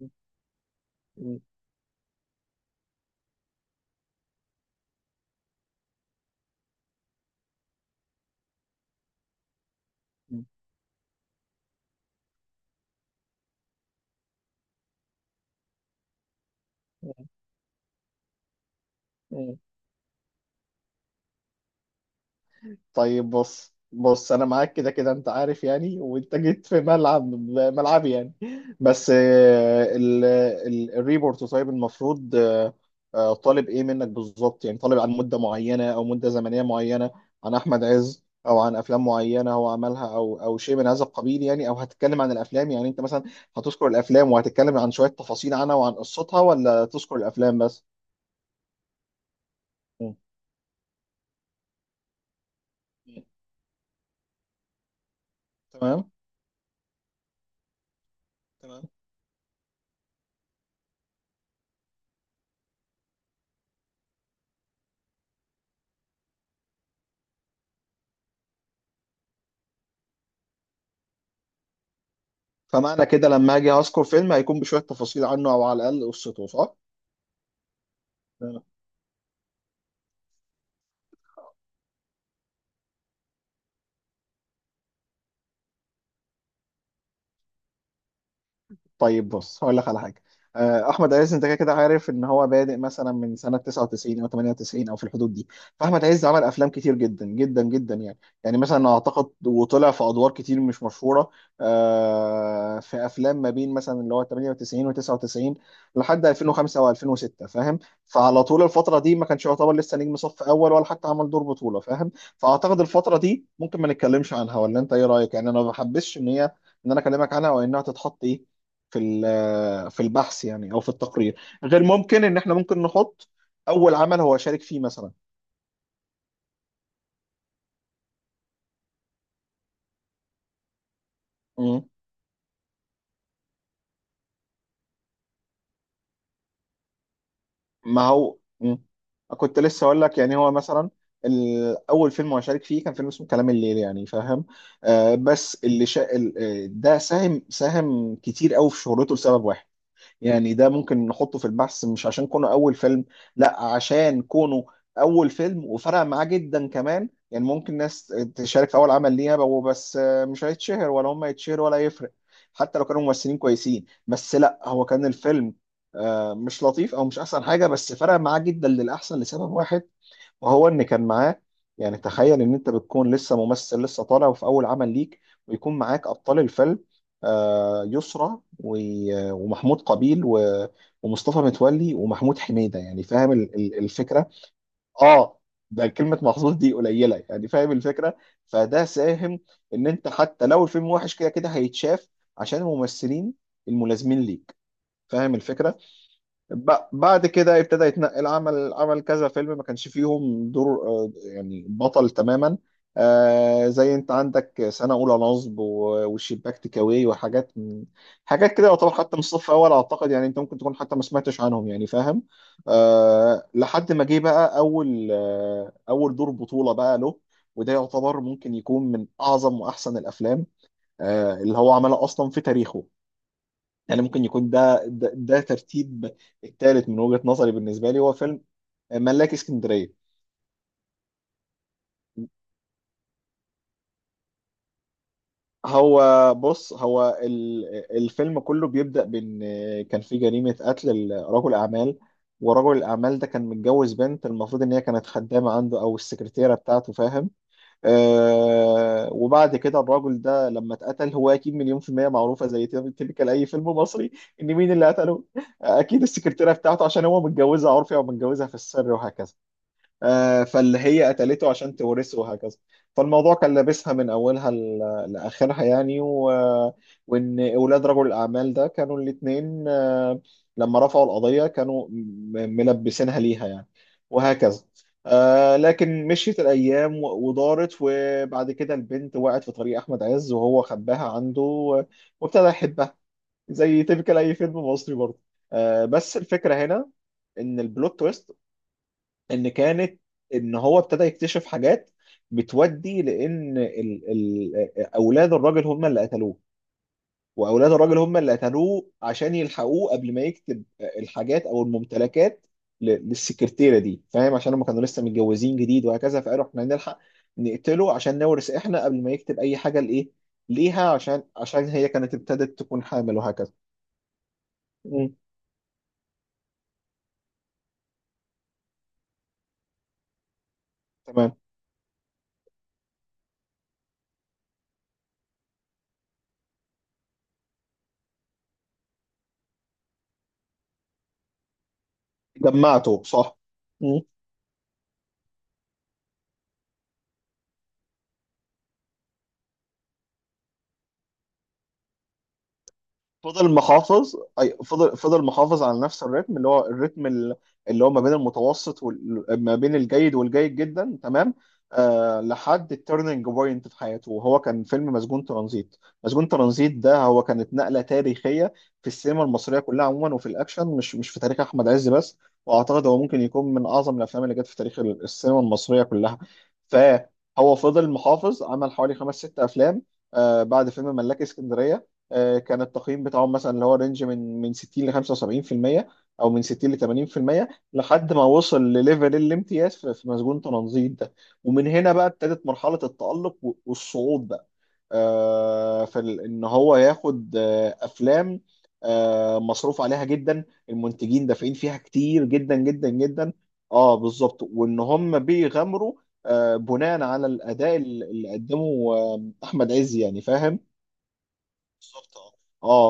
م- م- م. طيب، بص، انا معاك كده كده، انت عارف يعني، وانت جيت في ملعب ملعبي يعني. بس الريبورت، طيب، المفروض طالب ايه منك بالظبط؟ يعني طالب عن مدة معينة او مدة زمنية معينة عن احمد عز، او عن افلام معينة هو عملها، او او شيء من هذا القبيل يعني، او هتتكلم عن الافلام؟ يعني انت مثلا هتذكر الافلام وهتتكلم عن شوية تفاصيل عنها وعن قصتها، ولا تذكر الافلام بس؟ م. تمام. فمعنى كده لما اجي اذكر فيلم هيكون بشويه تفاصيل عنه او على الاقل قصته، صح؟ طيب بص، هقول لك على حاجه. احمد عز انت كده كده عارف ان هو بادئ مثلا من سنه 99 او 98 او في الحدود دي. فاحمد عز عمل افلام كتير جدا جدا جدا يعني، يعني مثلا اعتقد وطلع في ادوار كتير مش مشهوره. في افلام ما بين مثلا اللي هو 98 و99 لحد 2005 و2006، فاهم؟ فعلى طول الفتره دي ما كانش يعتبر لسه نجم صف اول ولا حتى عمل دور بطوله، فاهم؟ فاعتقد الفتره دي ممكن ما نتكلمش عنها، ولا انت ايه رايك؟ يعني انا ما بحبش ان هي، ان انا اكلمك عنها وانها تتحط ايه في البحث يعني او في التقرير. غير ممكن ان احنا ممكن نحط اول عمل هو شارك فيه مثلا. مم. ما هو مم. كنت لسه اقول لك. يعني هو مثلا اول فيلم هو شارك فيه كان فيلم اسمه كلام الليل، يعني فاهم؟ آه بس اللي شا... ال- آه، ده ساهم ساهم كتير قوي في شهرته لسبب واحد. يعني ده ممكن نحطه في البحث، مش عشان كونه اول فيلم، لا عشان كونه اول فيلم وفرق معاه جدا كمان. يعني ممكن ناس تشارك في اول عمل ليها بقوا بس مش هيتشهر ولا هم يتشهروا ولا يفرق، حتى لو كانوا ممثلين كويسين. بس لا، هو كان الفيلم مش لطيف او مش احسن حاجه، بس فرق معاه جدا للاحسن لسبب واحد، وهو ان كان معاه. يعني تخيل ان انت بتكون لسه ممثل لسه طالع وفي اول عمل ليك، ويكون معاك ابطال الفيلم يسرى ومحمود قابيل ومصطفى متولي ومحمود حميدة، يعني فاهم الفكرة؟ اه، ده كلمة محظوظ دي قليلة، يعني فاهم الفكرة؟ فده ساهم ان انت حتى لو الفيلم وحش كده كده هيتشاف، عشان الممثلين الملازمين ليك، فاهم الفكرة؟ بعد كده ابتدى يتنقل، عمل كذا فيلم ما كانش فيهم دور يعني بطل تماما. زي انت عندك سنة أولى نصب والشباك تكاوي وحاجات حاجات كده، يعتبر حتى من الصف الأول، أعتقد. يعني أنت ممكن تكون حتى ما سمعتش عنهم، يعني فاهم؟ لحد ما جه بقى أول أول دور بطولة بقى له، وده يعتبر ممكن يكون من أعظم وأحسن الأفلام اللي هو عملها أصلا في تاريخه. يعني ممكن يكون ده ده ترتيب الثالث من وجهة نظري. بالنسبة لي هو فيلم ملاك اسكندرية. هو بص، هو الفيلم كله بيبدأ بإن كان في جريمة قتل رجل أعمال، ورجل الأعمال ده كان متجوز بنت، المفروض إن هي كانت خدامة عنده أو السكرتيرة بتاعته، فاهم؟ آه، وبعد كده الراجل ده لما اتقتل، هو أكيد مليون في المية معروفة زي تلك أي فيلم مصري، إن مين اللي قتله؟ أكيد السكرتيرة بتاعته، عشان هو متجوزها عرفي أو متجوزها في السر وهكذا. فاللي هي قتلته عشان تورثه وهكذا. فالموضوع كان لابسها من اولها لاخرها يعني وان اولاد رجل الاعمال ده كانوا الاثنين لما رفعوا القضيه كانوا ملبسينها ليها يعني، وهكذا. آه، لكن مشيت الايام ودارت، وبعد كده البنت وقعت في طريق احمد عز، وهو خباها عنده وابتدى يحبها، زي تبكي اي فيلم مصري برضه. آه، بس الفكره هنا ان البلوت تويست ان كانت، ان هو ابتدى يكتشف حاجات بتودي لان ال ال اولاد الراجل هم اللي قتلوه. واولاد الراجل هم اللي قتلوه عشان يلحقوه قبل ما يكتب الحاجات او الممتلكات للسكرتيره دي، فاهم؟ عشان هم كانوا لسه متجوزين جديد وهكذا، فقالوا احنا نلحق نقتله عشان نورث احنا قبل ما يكتب اي حاجه لايه ليها، عشان هي كانت ابتدت تكون حامل وهكذا. مم. تمام. جمعته صح. فضل محافظ، اي فضل، محافظ على نفس الريتم، اللي هو اللي هو ما بين المتوسط ما بين الجيد والجيد جدا، تمام. آه، لحد التيرنينج بوينت في حياته، وهو كان فيلم مسجون ترانزيت. مسجون ترانزيت ده هو كانت نقلة تاريخية في السينما المصرية كلها عموما، وفي الاكشن، مش في تاريخ احمد عز بس. واعتقد هو ممكن يكون من اعظم الافلام اللي جت في تاريخ السينما المصرية كلها. فهو فضل محافظ، عمل حوالي خمس ست افلام بعد فيلم ملاك اسكندرية. كان التقييم بتاعهم مثلا اللي هو رينج من 60 ل 75%، او من 60 ل 80%، لحد ما وصل لليفل الامتياز في في مسجون تنظيم ده. ومن هنا بقى ابتدت مرحلة التألق والصعود بقى. ان هو ياخد افلام مصروف عليها جدا، المنتجين دافعين فيها كتير جدا جدا جدا. اه بالظبط، وان هم بيغامروا بناء على الاداء اللي قدمه احمد عز، يعني فاهم؟ بالظبط، اه،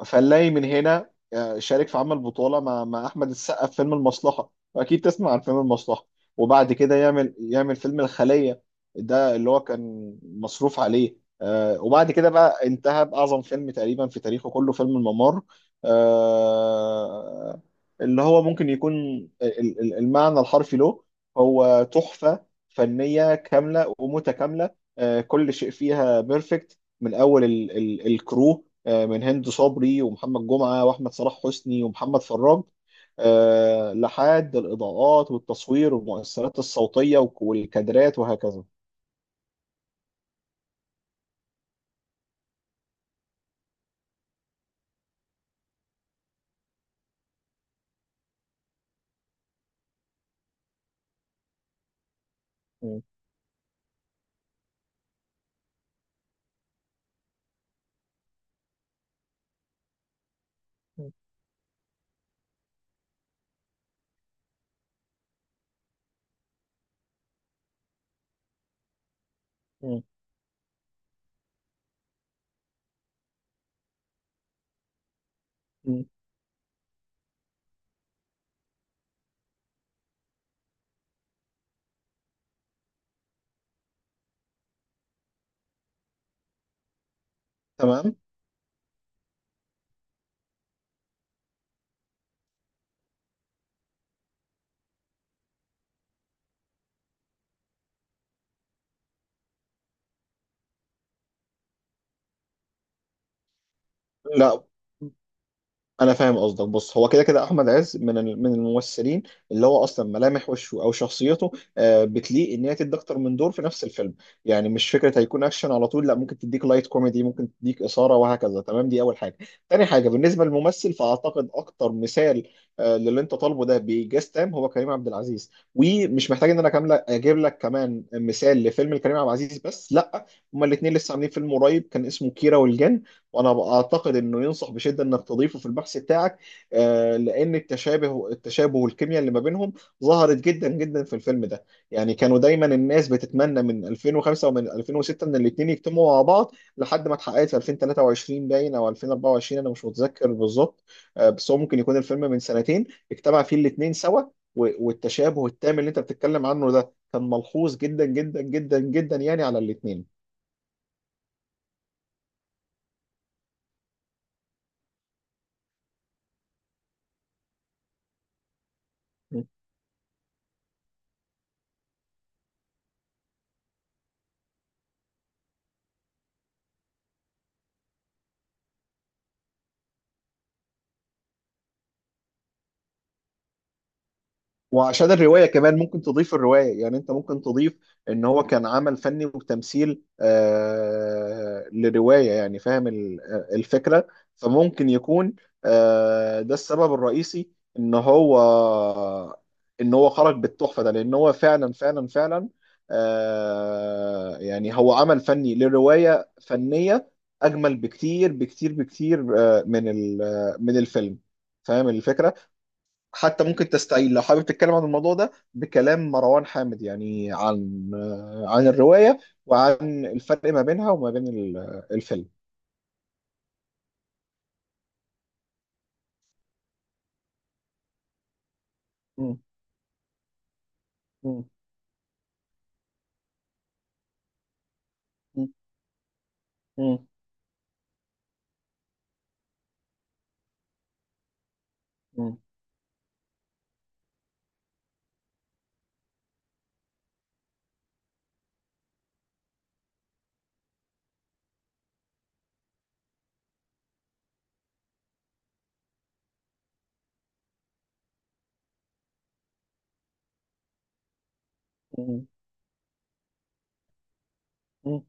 اه. فنلاقي من هنا شارك في عمل بطولة مع أحمد السقا في فيلم المصلحة، وأكيد تسمع عن فيلم المصلحة. وبعد كده يعمل فيلم الخلية، ده اللي هو كان مصروف عليه وبعد كده بقى انتهى بأعظم فيلم تقريبا في تاريخه كله، فيلم الممر. آه، اللي هو ممكن يكون المعنى الحرفي له هو تحفة فنية كاملة ومتكاملة. كل شيء فيها بيرفكت، من اول ال ال الكرو من هند صبري ومحمد جمعه واحمد صلاح حسني ومحمد فراج، لحد الاضاءات والتصوير والمؤثرات الصوتيه والكادرات وهكذا. م. م. م. تمام. لا، انا فاهم قصدك. بص، هو كده كده احمد عز من من الممثلين اللي هو اصلا ملامح وشه او شخصيته بتليق ان هي تدي اكتر من دور في نفس الفيلم. يعني مش فكره هيكون اكشن على طول، لا، ممكن تديك لايت كوميدي، ممكن تديك اثاره وهكذا، تمام. دي اول حاجه. تاني حاجه بالنسبه للممثل، فاعتقد اكتر مثال للي انت طالبه ده بإيجاز تام هو كريم عبد العزيز، ومش محتاج ان انا كامله اجيب لك كمان مثال لفيلم لكريم عبد العزيز، بس لا، هما الاثنين لسه عاملين فيلم قريب كان اسمه كيرة والجن، وانا اعتقد انه ينصح بشده انك تضيفه في البحث بتاعك. لان التشابه، والكيمياء اللي ما بينهم ظهرت جدا جدا في الفيلم ده. يعني كانوا دايما الناس بتتمنى من 2005 ومن 2006 ان الاثنين يجتمعوا مع بعض، لحد ما اتحققت في 2023 باين او 2024، انا مش متذكر بالظبط. بس هو ممكن يكون الفيلم من سنتين اجتمع فيه الاثنين سوا، والتشابه التام اللي انت بتتكلم عنه ده كان ملحوظ جدا جدا جدا جدا، يعني على الاثنين. وعشان الرواية كمان ممكن تضيف الرواية، يعني انت ممكن تضيف ان هو كان عمل فني وتمثيل لرواية، يعني فاهم الفكرة؟ فممكن يكون ده السبب الرئيسي ان هو، ان هو خرج بالتحفة ده، لان هو فعلا فعلا فعلا يعني هو عمل فني لرواية فنية اجمل بكتير بكتير بكتير آه من ال- آه، من الفيلم، فاهم الفكرة؟ حتى ممكن تستعيل لو حابب تتكلم عن الموضوع ده بكلام مروان حامد، يعني عن عن الرواية وعن الفرق ما بينها وما بين الفيلم. مم. مم. مم. مم. مم. مم.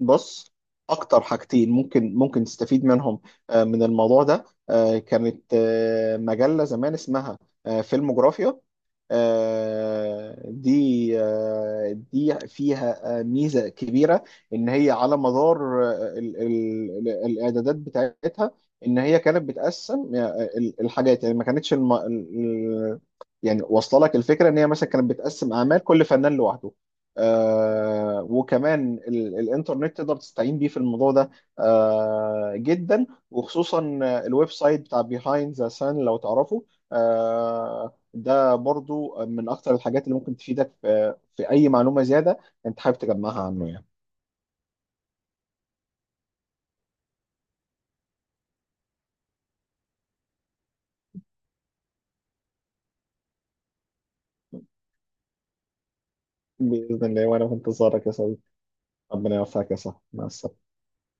بص، اكتر حاجتين ممكن تستفيد منهم من الموضوع ده كانت مجلة زمان اسمها فيلم جغرافيا. دي دي فيها ميزة كبيرة، إن هي على مدار الإعدادات بتاعتها، إن هي كانت بتقسم الحاجات، يعني ما كانتش يعني واصلة لك الفكرة، إن هي مثلا كانت بتقسم أعمال كل فنان لوحده. آه، وكمان الانترنت تقدر تستعين بيه في الموضوع ده، آه جدا. وخصوصا الويب سايت بتاع بيهايند ذا سان لو تعرفه. آه، ده برضو من اكتر الحاجات اللي ممكن تفيدك في اي معلومة زيادة انت حابب تجمعها عنه يعني. بإذن الله، وانا في انتظارك يا صديقي. ربنا يوفقك يا صاحبي، مع السلامة.